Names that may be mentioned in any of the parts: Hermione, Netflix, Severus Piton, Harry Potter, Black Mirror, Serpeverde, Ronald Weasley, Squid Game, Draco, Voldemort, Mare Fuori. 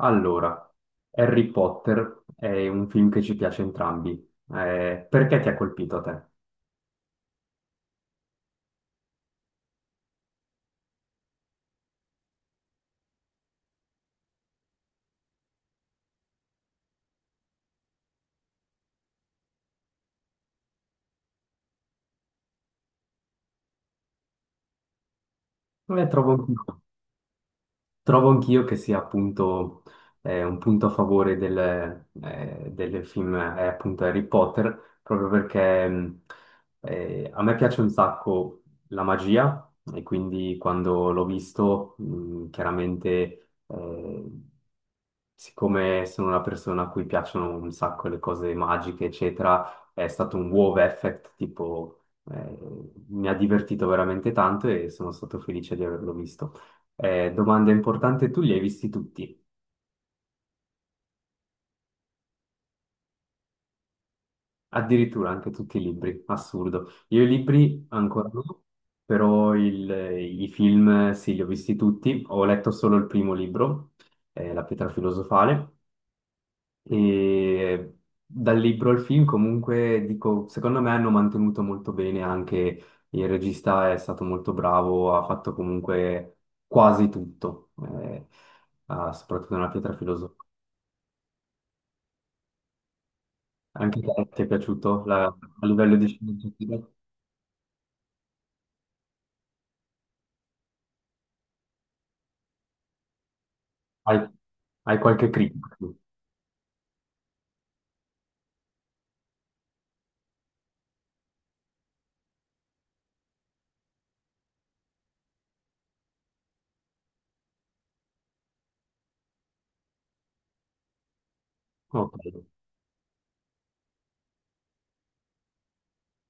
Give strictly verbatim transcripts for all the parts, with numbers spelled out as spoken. Allora, Harry Potter è un film che ci piace entrambi. Eh, perché ti ha colpito a te? Eh, trovo anch'io, trovo anch'io che sia appunto eh, un punto a favore del, eh, del film è appunto Harry Potter, proprio perché mh, eh, a me piace un sacco la magia e quindi quando l'ho visto mh, chiaramente eh, siccome sono una persona a cui piacciono un sacco le cose magiche, eccetera, è stato un wow effect, tipo, eh, mi ha divertito veramente tanto e sono stato felice di averlo visto. Eh, domanda importante, tu li hai visti tutti, addirittura anche tutti i libri, assurdo. Io i libri ancora no, però il- i film sì, li ho visti tutti, ho letto solo il primo libro, eh, La pietra filosofale. E dal libro al film, comunque, dico, secondo me hanno mantenuto molto bene anche il regista è stato molto bravo, ha fatto comunque quasi tutto, eh, ah, soprattutto nella pietra filosofica. Anche te ti è piaciuto la- a livello di sceneggiatura? Hai, hai qualche critica? Ok.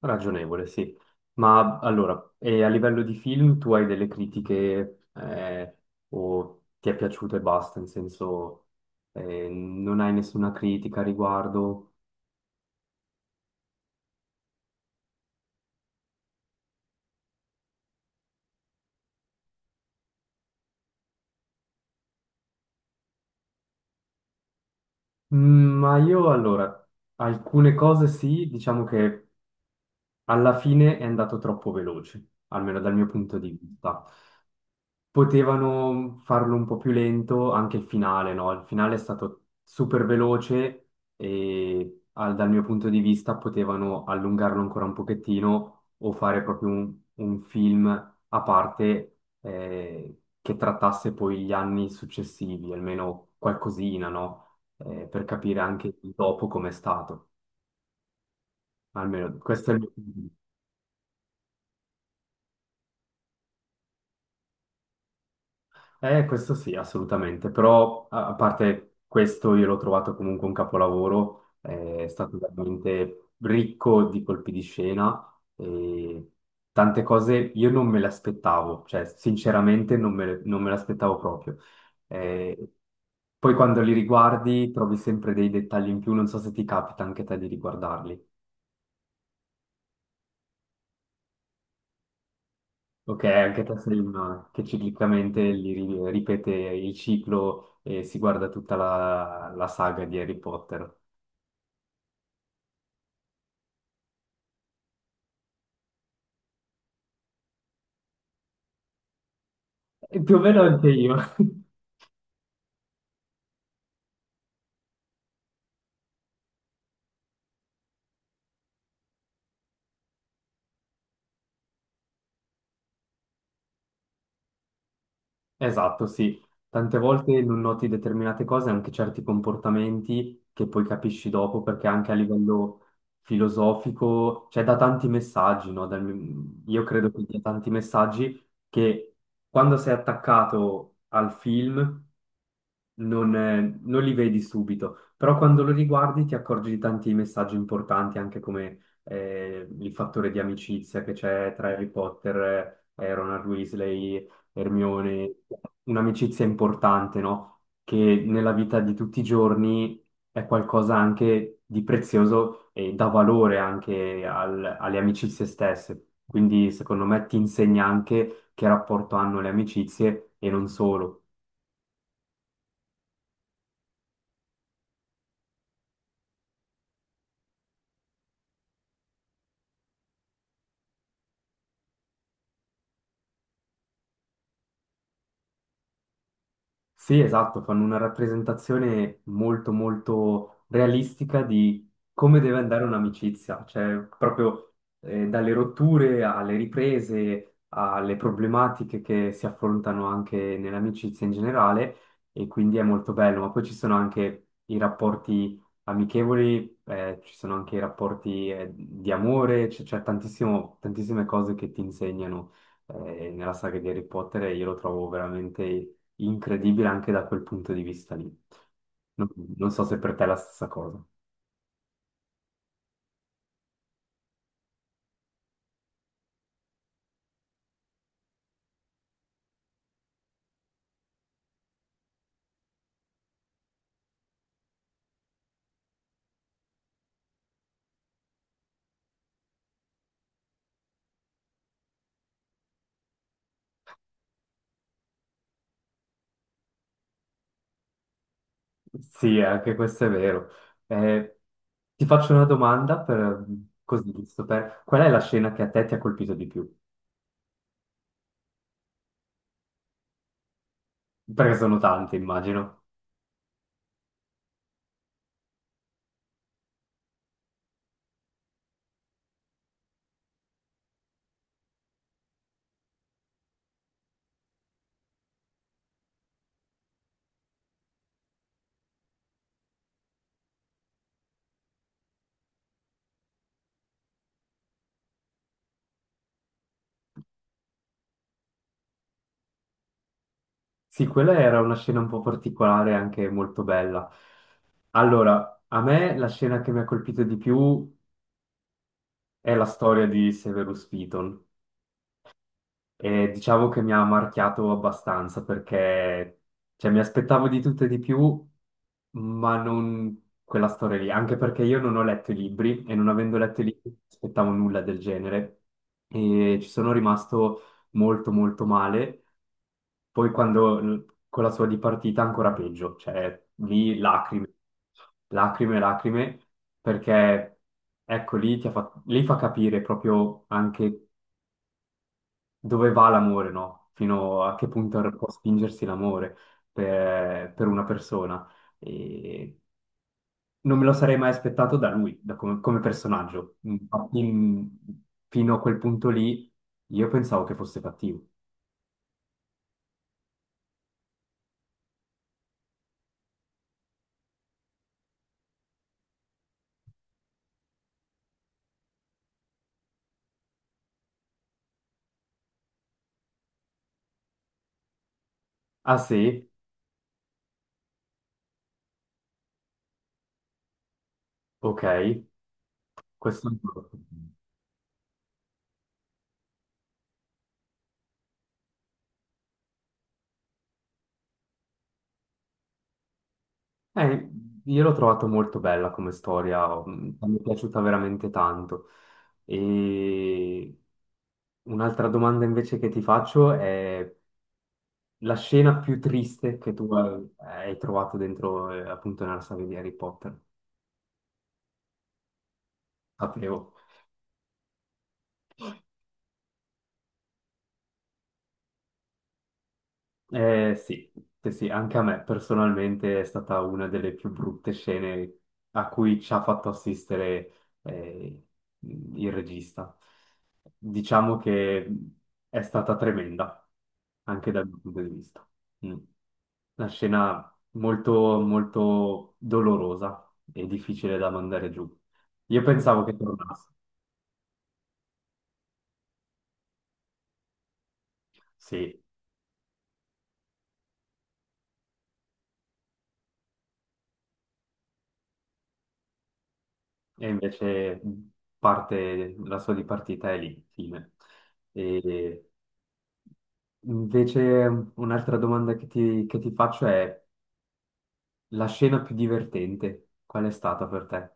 Ragionevole, sì. Ma allora, e a livello di film tu hai delle critiche eh, o ti è piaciuto e basta, in senso eh, non hai nessuna critica a riguardo? Mm, Ma io allora, alcune cose sì, diciamo che alla fine è andato troppo veloce, almeno dal mio punto di vista. Potevano farlo un po' più lento anche il finale, no? Il finale è stato super veloce e al- dal mio punto di vista potevano allungarlo ancora un pochettino o fare proprio un, un film a parte eh, che trattasse poi gli anni successivi, almeno qualcosina, no? Eh, per capire anche il dopo com'è stato. Almeno questo è il mio punto di vista. Eh, questo sì, assolutamente, però a a parte questo io l'ho trovato comunque un capolavoro, eh, è stato veramente ricco di colpi di scena e tante cose io non me le aspettavo, cioè sinceramente non me, le, non me le aspettavo proprio. Eh, poi quando li riguardi trovi sempre dei dettagli in più, non so se ti capita anche a te di riguardarli. Ok, anche te sei uno che ciclicamente li ri- ripete il ciclo e si guarda tutta la, la saga di Harry Potter. E più o meno anche io. Esatto, sì. Tante volte non noti determinate cose, anche certi comportamenti che poi capisci dopo, perché anche a livello filosofico, cioè da tanti messaggi, no? Dal- io credo che dia tanti messaggi che quando sei attaccato al film non, eh, non li vedi subito, però quando lo riguardi ti accorgi di tanti messaggi importanti, anche come eh, il fattore di amicizia che c'è tra Harry Potter, eh, Ronald Weasley, Hermione, un'amicizia importante, no? Che nella vita di tutti i giorni è qualcosa anche di prezioso e dà valore anche al- alle amicizie stesse. Quindi secondo me ti insegna anche che rapporto hanno le amicizie e non solo. Sì, esatto, fanno una rappresentazione molto molto realistica di come deve andare un'amicizia, cioè proprio eh, dalle rotture alle riprese, alle problematiche che si affrontano anche nell'amicizia in generale e quindi è molto bello, ma poi ci sono anche i rapporti amichevoli, eh, ci sono anche i rapporti eh, di amore, c- c'è tantissimo- tantissime cose che ti insegnano eh, nella saga di Harry Potter e io lo trovo veramente incredibile anche da quel punto di vista lì. Non, non so se per te è la stessa cosa. Sì, anche questo è vero. Eh, ti faccio una domanda per, così, giusto per. Qual è la scena che a te ti ha colpito di più? Perché sono tante, immagino. Sì, quella era una scena un po' particolare, anche molto bella. Allora, a me la scena che mi ha colpito di più è la storia di Severus Piton. E diciamo che mi ha marchiato abbastanza perché cioè, mi aspettavo di tutto e di più, ma non quella storia lì, anche perché io non ho letto i libri e non avendo letto i libri non aspettavo nulla del genere e ci sono rimasto molto molto male. Poi quando con la sua dipartita ancora peggio, cioè lì lacrime, lacrime, lacrime, perché ecco lì, ti ha fatto- lì fa capire proprio anche dove va l'amore, no? Fino a che punto può spingersi l'amore per, per una persona. E non me lo sarei mai aspettato da lui, da come, come personaggio. Infatti, mh, fino a quel punto lì, io pensavo che fosse cattivo. Ah sì? Ok, questo. Eh, io l'ho trovato molto bella come storia, mh, mi è piaciuta veramente tanto. E un'altra domanda invece che ti faccio è la scena più triste che tu hai hai trovato dentro, eh, appunto, nella saga di Harry Potter. Sapevo. Eh, sì, sì, sì, anche a me personalmente è stata una delle più brutte scene a cui ci ha fatto assistere, eh, il regista. Diciamo che è stata tremenda, anche dal mio punto di vista. Mm. Una scena molto, molto dolorosa e difficile da mandare giù. Io pensavo che tornasse. Sì, e invece parte, la sua di partita è lì, fine. E invece un'altra domanda che ti, che ti faccio è la scena più divertente, qual è stata per te?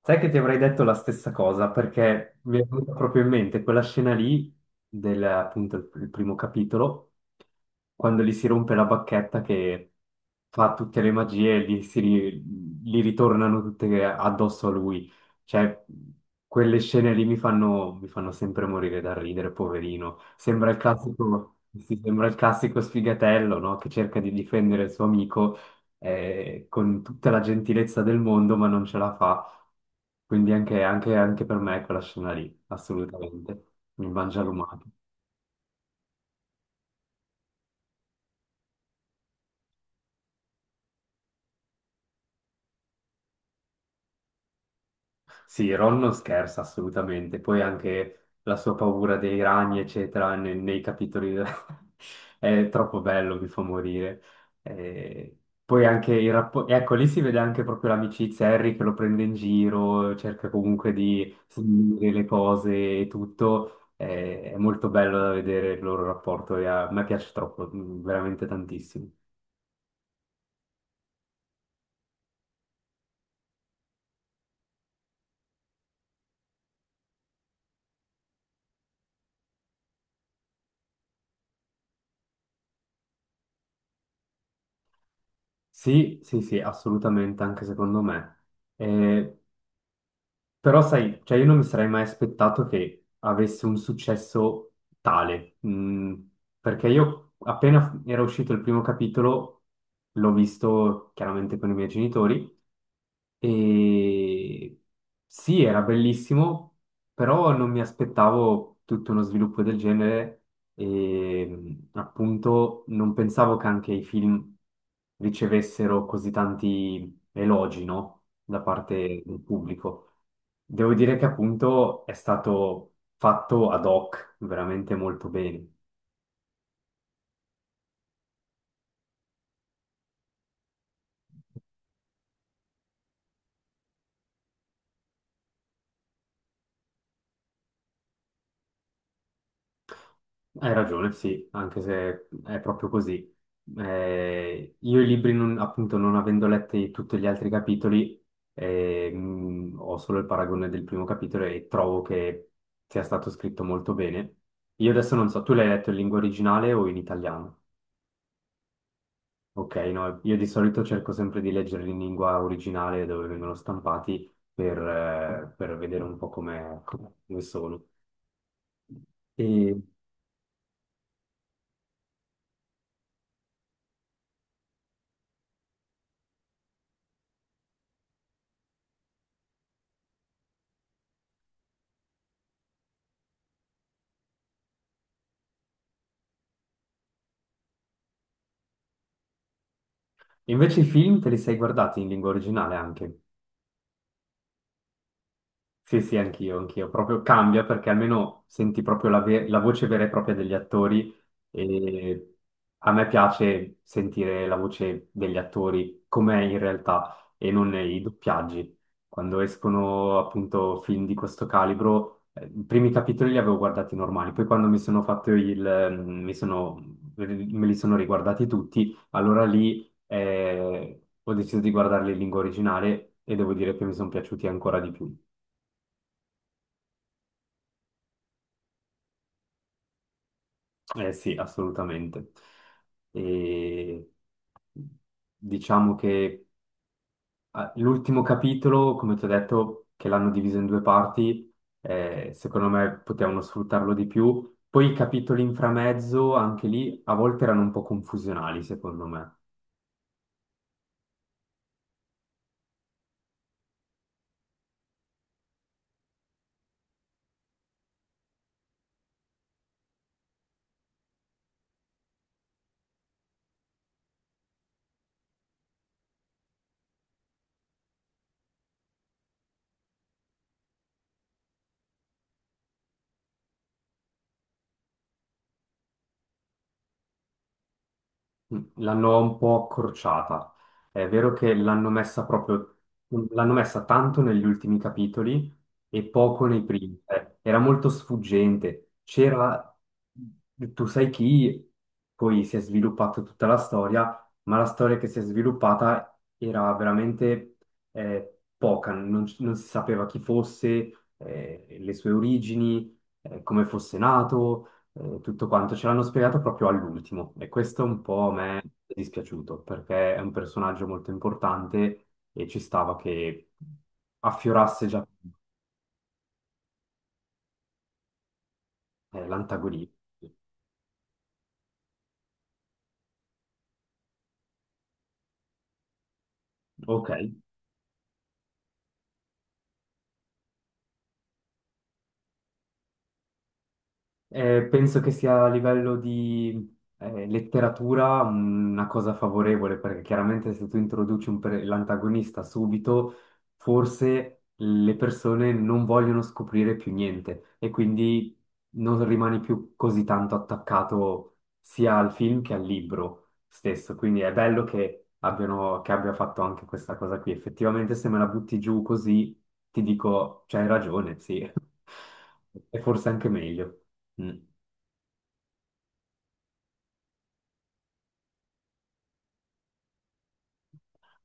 Sai che ti avrei detto la stessa cosa perché mi è venuta proprio in mente quella scena lì del appunto il il primo capitolo, quando gli si rompe la bacchetta che fa tutte le magie e gli, si ri- gli ritornano tutte addosso a lui. Cioè, quelle scene lì mi fanno, mi fanno sempre morire da ridere, poverino. Sembra il classico, sì, sembra il classico sfigatello, no? Che cerca di difendere il suo amico eh, con tutta la gentilezza del mondo, ma non ce la fa. Quindi anche, anche- anche per me è quella scena lì, assolutamente. Mi mangia l'umato. Sì, Ron non scherza assolutamente, poi anche la sua paura dei ragni, eccetera, ne- nei, capitoli de- è troppo bello, mi fa morire. Eh, poi anche il rapporto, ecco, lì si vede anche proprio l'amicizia, Harry che lo prende in giro, cerca comunque di sminuire le cose e tutto, Eh, è molto bello da vedere il loro rapporto e a a me piace troppo, mm, veramente tantissimo. Sì, sì, sì, assolutamente, anche secondo me. Eh, Però sai, cioè io non mi sarei mai aspettato che avesse un successo tale, Mm, perché io appena era uscito il primo capitolo l'ho visto chiaramente con i miei genitori e sì, era bellissimo, però non mi aspettavo tutto uno sviluppo del genere e mm, appunto non pensavo che anche i film ricevessero così tanti elogi, no? Da parte del pubblico. Devo dire che appunto è stato fatto ad hoc, veramente molto bene. Hai ragione, sì, anche se è proprio così. Eh, io i libri, non- appunto, non avendo letti tutti gli altri capitoli, eh, mh, ho solo il paragone del primo capitolo e trovo che sia stato scritto molto bene. Io adesso non so, tu l'hai letto in lingua originale o in italiano? Ok, no, io di solito cerco sempre di leggerli in lingua originale dove vengono stampati per, eh, per vedere un po' come, come sono. E invece i film te li sei guardati in lingua originale anche? Sì, sì, anch'io, anch'io. Proprio cambia perché almeno senti proprio la, ve- la voce vera e propria degli attori e a me piace sentire la voce degli attori com'è in realtà e non i doppiaggi. Quando escono appunto film di questo calibro, eh, i primi capitoli li avevo guardati normali, poi quando mi sono fatto il. mm, mi sono, Me li sono riguardati tutti, allora lì eh, ho deciso di guardarli in lingua originale e devo dire che mi sono piaciuti ancora di più. Eh sì, assolutamente. E diciamo che ah, l'ultimo capitolo, come ti ho detto, che l'hanno diviso in due parti, eh, secondo me potevano sfruttarlo di più. Poi i capitoli in framezzo, anche lì, a volte erano un po' confusionali, secondo me. L'hanno un po' accorciata. È vero che l'hanno messa proprio, l'hanno messa tanto negli ultimi capitoli e poco nei primi. Eh, era molto sfuggente. C'era tu sai chi, poi si è sviluppata tutta la storia, ma la storia che si è sviluppata era veramente eh, poca, non, non si sapeva chi fosse, eh, le sue origini, eh, come fosse nato eh, tutto quanto ce l'hanno spiegato proprio all'ultimo e questo un po' a me è dispiaciuto perché è un personaggio molto importante e ci stava che affiorasse già eh, l'antagonista. Ok, Eh, penso che sia a livello di eh, letteratura una cosa favorevole, perché chiaramente se tu introduci un pre- l'antagonista subito, forse le persone non vogliono scoprire più niente e quindi non rimani più così tanto attaccato sia al film che al libro stesso. Quindi è bello che abbiano, che abbia fatto anche questa cosa qui. Effettivamente, se me la butti giù così, ti dico, c'hai ragione, sì, e forse anche meglio. Mm.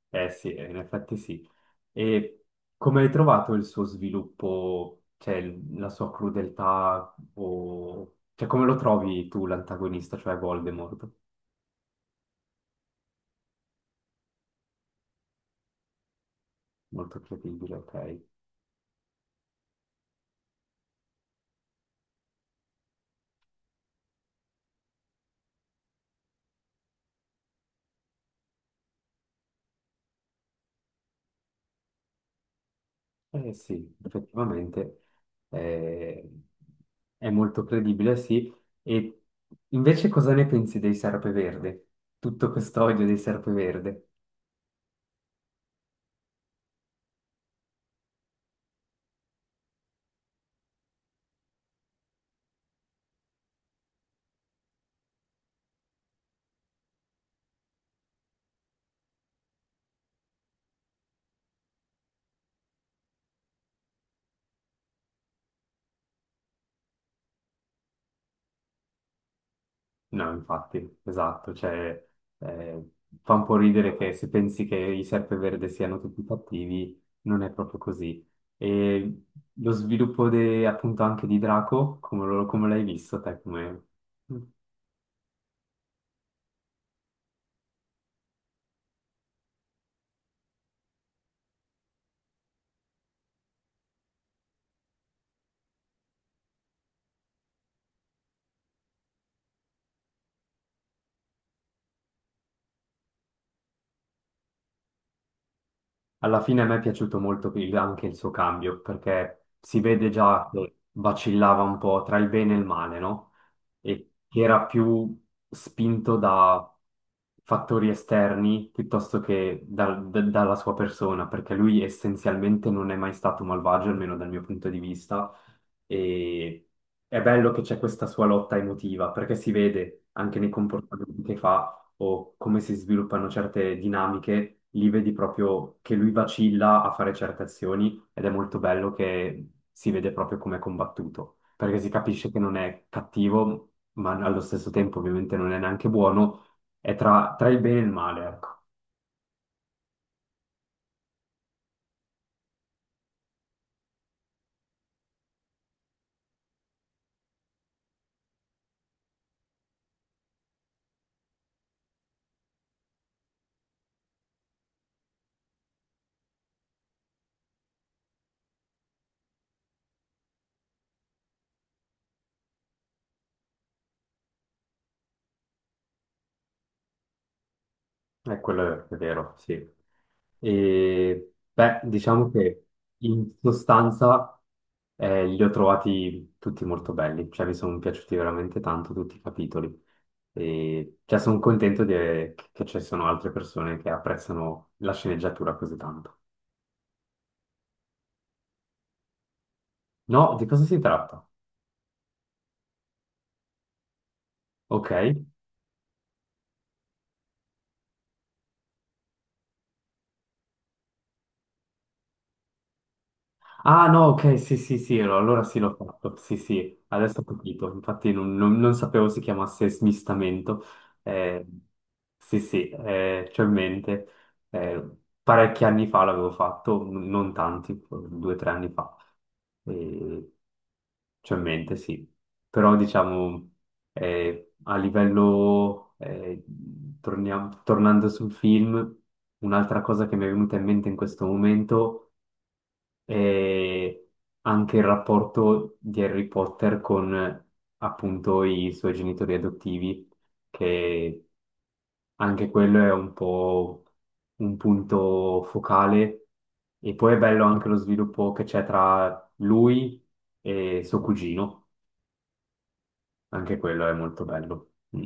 Eh sì, eh, in effetti sì. E come hai trovato il suo sviluppo, cioè il- la sua crudeltà, o, cioè come lo trovi tu l'antagonista, cioè Voldemort? Molto credibile, ok. Eh sì, effettivamente eh, è molto credibile, sì. E invece cosa ne pensi dei Serpeverde? Tutto questo odio dei Serpeverde? No, infatti, esatto, cioè, eh, fa un po' ridere che se pensi che i Serpeverde siano tutti cattivi, non è proprio così. E lo sviluppo de- appunto anche di Draco, come, lo- come l'hai visto te, come. Alla fine a me è piaciuto molto il- anche il suo cambio, perché si vede già che vacillava un po' tra il bene e il male, no? E che era più spinto da fattori esterni piuttosto che dal- d- dalla sua persona, perché lui essenzialmente non è mai stato malvagio, almeno dal mio punto di vista, e è bello che c'è questa sua lotta emotiva, perché si vede anche nei comportamenti che fa o come si sviluppano certe dinamiche, lì vedi proprio che lui vacilla a fare certe azioni ed è molto bello che si vede proprio come è combattuto, perché si capisce che non è cattivo, ma allo stesso tempo ovviamente non è neanche buono, è tra, tra il bene e il male, ecco. È quello è vero, sì. E beh, diciamo che in sostanza eh, li ho trovati tutti molto belli, cioè mi sono piaciuti veramente tanto tutti i capitoli. E cioè, sono contento di- che ci sono altre persone che apprezzano la sceneggiatura così tanto. No, di cosa si tratta? Ok. Ah no, ok, sì, sì, sì, no, allora sì l'ho fatto, sì, sì, adesso ho capito, infatti non, non- non sapevo si chiamasse smistamento, Eh, sì, sì, eh, c'ho in mente, Eh, parecchi anni fa l'avevo fatto, n- non tanti, due o tre anni fa, Eh, c'ho in mente, sì, però diciamo eh, a livello, eh, torniamo- tornando sul film, un'altra cosa che mi è venuta in mente in questo momento e anche il rapporto di Harry Potter con eh, appunto i suoi genitori adottivi, che anche quello è un po' un punto focale. E poi è bello anche lo sviluppo che c'è tra lui e suo cugino, anche quello è molto bello. Mm.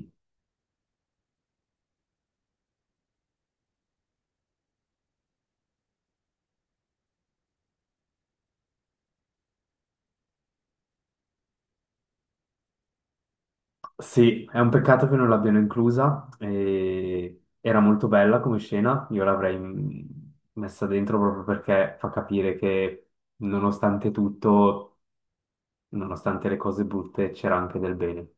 Sì, è un peccato che non l'abbiano inclusa. E era molto bella come scena, io l'avrei mm, messa dentro proprio perché fa capire che nonostante tutto, nonostante le cose brutte, c'era anche del bene.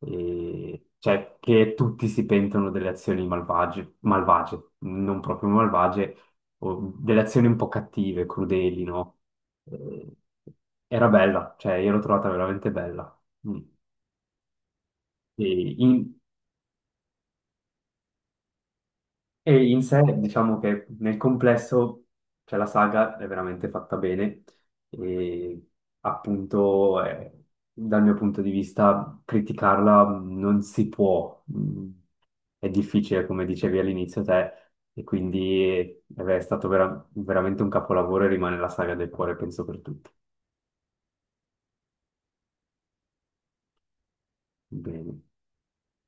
E- Cioè, che tutti si pentono delle azioni malvagie, malvagie, non proprio malvagie, o delle azioni un po' cattive, crudeli, no? Eh, Era bella, cioè io l'ho trovata veramente bella. Mm. E in- E in sé diciamo che nel complesso cioè, la saga è veramente fatta bene e appunto eh, dal mio punto di vista criticarla non si può, Mm, è difficile come dicevi all'inizio te e quindi eh, è stato vera- veramente un capolavoro e rimane la saga del cuore penso per tutti. Bene.